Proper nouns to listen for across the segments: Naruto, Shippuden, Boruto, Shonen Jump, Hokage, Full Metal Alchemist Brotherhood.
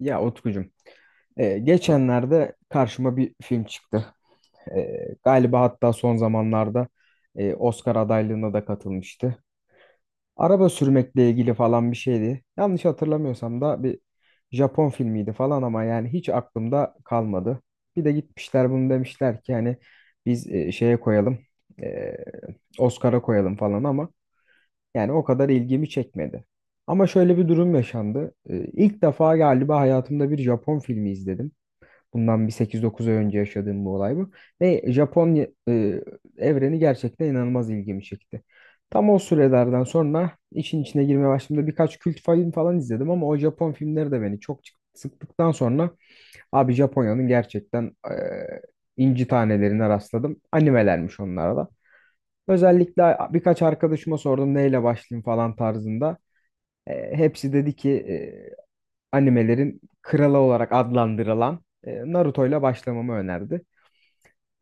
Ya Utkucuğum, geçenlerde karşıma bir film çıktı. Galiba hatta son zamanlarda Oscar adaylığına da katılmıştı. Araba sürmekle ilgili falan bir şeydi. Yanlış hatırlamıyorsam da bir Japon filmiydi falan ama yani hiç aklımda kalmadı. Bir de gitmişler bunu demişler ki hani biz şeye koyalım, e, Oscar'a koyalım falan ama yani o kadar ilgimi çekmedi. Ama şöyle bir durum yaşandı. İlk defa galiba hayatımda bir Japon filmi izledim. Bundan bir 8-9 ay önce yaşadığım bu olay bu. Ve Japonya evreni gerçekten inanılmaz ilgimi çekti. Tam o sürelerden sonra işin içine girmeye başladığımda birkaç kült film falan izledim ama o Japon filmleri de beni çok sıktıktan sonra abi Japonya'nın gerçekten inci tanelerine rastladım. Animelermiş onlara da. Özellikle birkaç arkadaşıma sordum neyle başlayayım falan tarzında. Hepsi dedi ki animelerin kralı olarak adlandırılan Naruto ile başlamamı önerdi.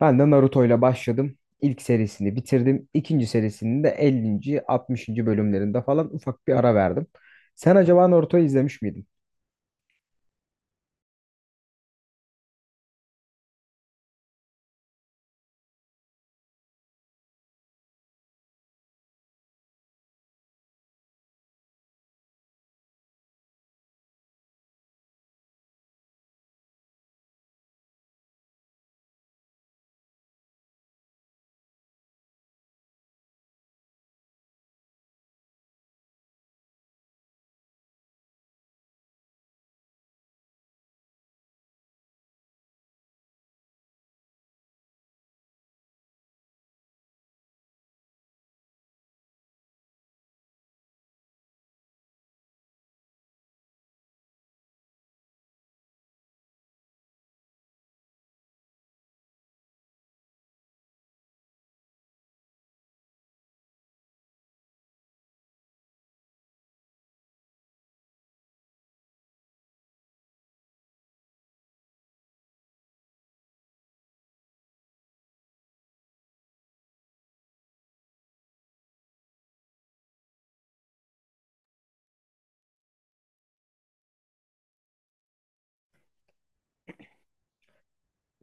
Ben de Naruto ile başladım. İlk serisini bitirdim. İkinci serisinin de 50. 60. bölümlerinde falan ufak bir ara verdim. Sen acaba Naruto'yu izlemiş miydin?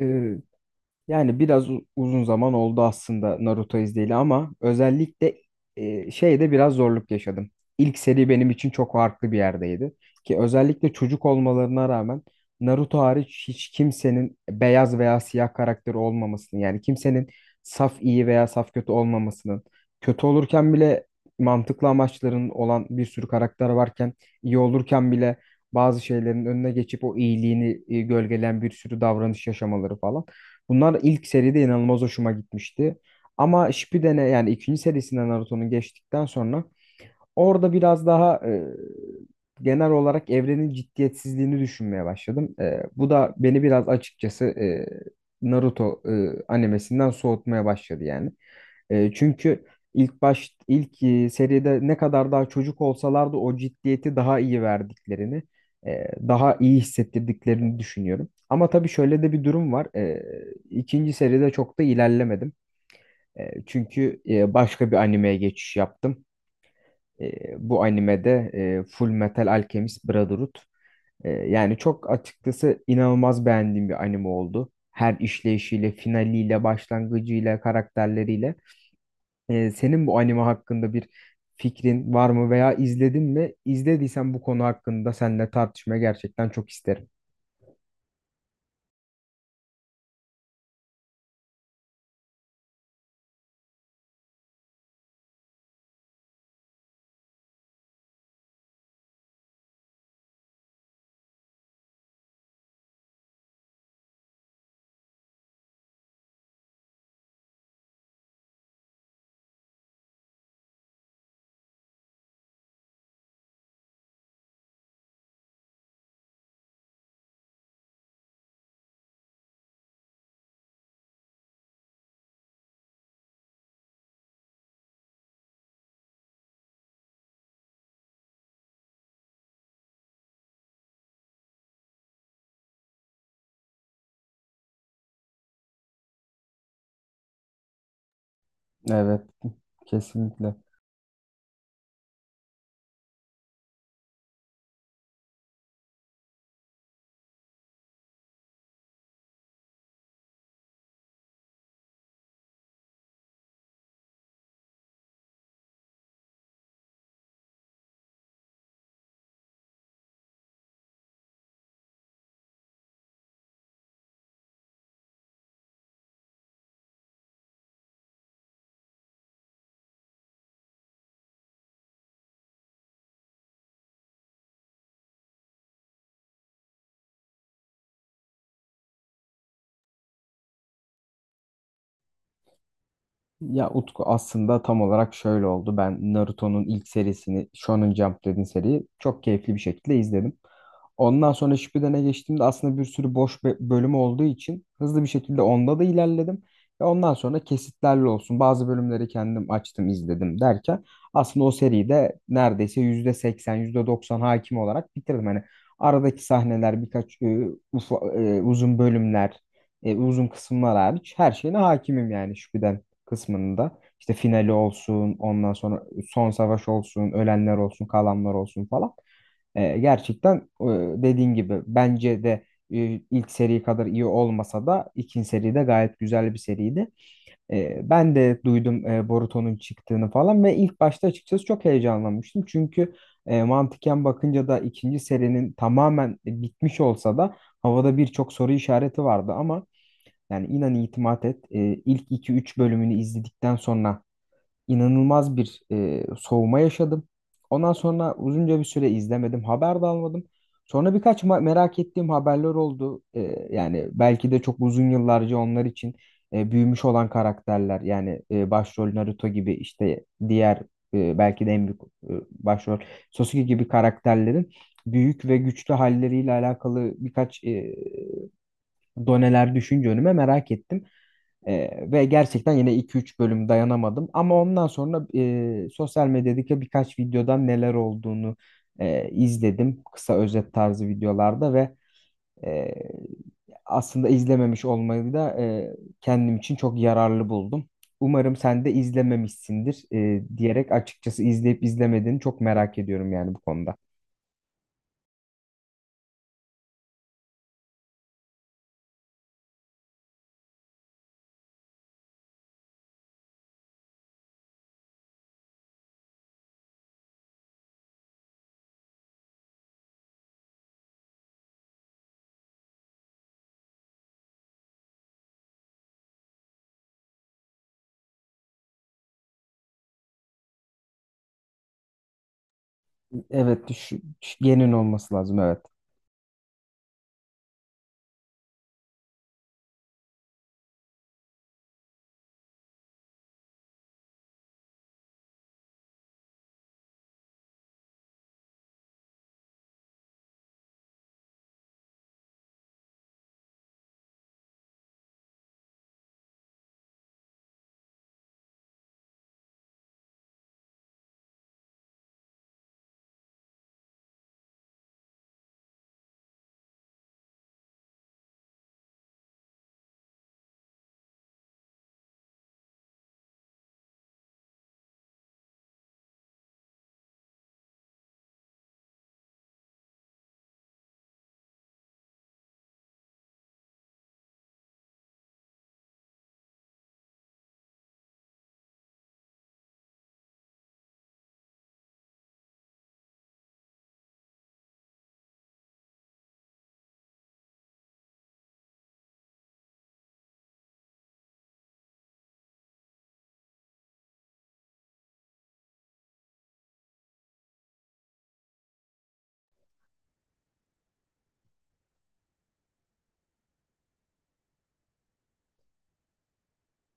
Ee, Yani biraz uzun zaman oldu aslında Naruto izleyeli ama özellikle şeyde biraz zorluk yaşadım. İlk seri benim için çok farklı bir yerdeydi. Ki özellikle çocuk olmalarına rağmen Naruto hariç hiç kimsenin beyaz veya siyah karakteri olmamasının yani kimsenin saf iyi veya saf kötü olmamasının kötü olurken bile mantıklı amaçların olan bir sürü karakter varken iyi olurken bile bazı şeylerin önüne geçip o iyiliğini gölgeleyen bir sürü davranış yaşamaları falan. Bunlar ilk seride inanılmaz hoşuma gitmişti. Ama Shippuden'e yani ikinci serisinden Naruto'nun geçtikten sonra orada biraz daha genel olarak evrenin ciddiyetsizliğini düşünmeye başladım. Bu da beni biraz açıkçası Naruto animesinden soğutmaya başladı yani. Çünkü ilk seride ne kadar daha çocuk olsalardı o ciddiyeti daha iyi verdiklerini, daha iyi hissettirdiklerini düşünüyorum. Ama tabii şöyle de bir durum var. E, ikinci seride çok da ilerlemedim. Çünkü başka bir animeye geçiş yaptım. E, bu animede Full Metal Alchemist Brotherhood. Yani çok açıkçası inanılmaz beğendiğim bir anime oldu. Her işleyişiyle, finaliyle, başlangıcıyla, karakterleriyle. Senin bu anime hakkında bir fikrin var mı veya izledin mi? İzlediysen bu konu hakkında seninle tartışmaya gerçekten çok isterim. Evet, kesinlikle. Ya Utku aslında tam olarak şöyle oldu. Ben Naruto'nun ilk serisini Shonen Jump dediğin seriyi çok keyifli bir şekilde izledim. Ondan sonra Shippuden'e geçtiğimde aslında bir sürü boş bölümü olduğu için hızlı bir şekilde onda da ilerledim. Ve ondan sonra kesitlerle olsun bazı bölümleri kendim açtım izledim derken aslında o seriyi de neredeyse %80 %90 hakim olarak bitirdim. Hani aradaki sahneler birkaç uzun bölümler uzun kısımlar hariç her şeyine hakimim yani kısmında işte finali olsun, ondan sonra son savaş olsun, ölenler olsun, kalanlar olsun falan. Gerçekten e, dediğin gibi bence de ilk seri kadar iyi olmasa da ikinci seri de gayet güzel bir seriydi. Ben de duydum Boruto'nun çıktığını falan ve ilk başta açıkçası çok heyecanlanmıştım. Çünkü mantıken bakınca da ikinci serinin tamamen bitmiş olsa da havada birçok soru işareti vardı ama yani inan itimat et. E, ilk 2-3 bölümünü izledikten sonra inanılmaz bir soğuma yaşadım. Ondan sonra uzunca bir süre izlemedim. Haber de almadım. Sonra birkaç merak ettiğim haberler oldu. Yani belki de çok uzun yıllarca onlar için büyümüş olan karakterler. Yani başrol Naruto gibi işte diğer belki de en büyük başrol Sasuke gibi karakterlerin büyük ve güçlü halleriyle alakalı birkaç doneler düşünce önüme merak ettim. Ve gerçekten yine 2-3 bölüm dayanamadım. Ama ondan sonra sosyal medyadaki birkaç videodan neler olduğunu izledim. Kısa özet tarzı videolarda ve e, aslında izlememiş olmayı da kendim için çok yararlı buldum. Umarım sen de izlememişsindir diyerek açıkçası izleyip izlemediğini çok merak ediyorum yani bu konuda. Evet, yeni olması lazım evet.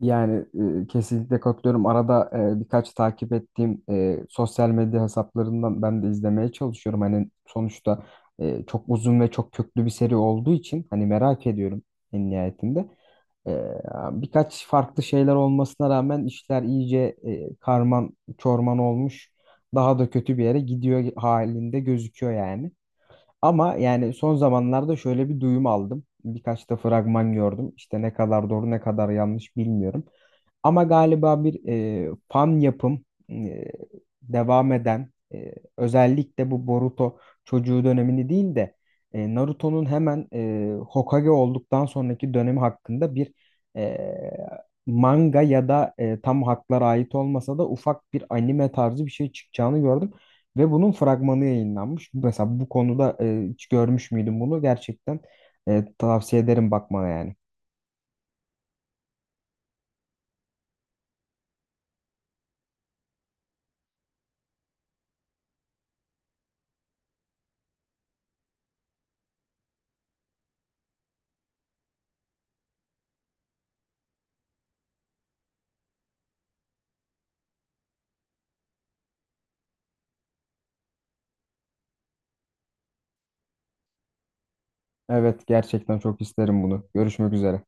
Yani kesinlikle katılıyorum. Arada birkaç takip ettiğim sosyal medya hesaplarından ben de izlemeye çalışıyorum. Hani sonuçta çok uzun ve çok köklü bir seri olduğu için hani merak ediyorum en nihayetinde. E, birkaç farklı şeyler olmasına rağmen işler iyice karman çorman olmuş. Daha da kötü bir yere gidiyor halinde gözüküyor yani. Ama yani son zamanlarda şöyle bir duyum aldım. Birkaç da fragman gördüm. İşte ne kadar doğru ne kadar yanlış bilmiyorum. Ama galiba bir fan yapım e, devam eden özellikle bu Boruto çocuğu dönemini değil de Naruto'nun hemen Hokage olduktan sonraki dönemi hakkında bir e, manga ya da tam haklara ait olmasa da ufak bir anime tarzı bir şey çıkacağını gördüm. Ve bunun fragmanı yayınlanmış. Mesela bu konuda hiç görmüş müydün bunu? Gerçekten tavsiye ederim bakmana yani. Evet, gerçekten çok isterim bunu. Görüşmek üzere.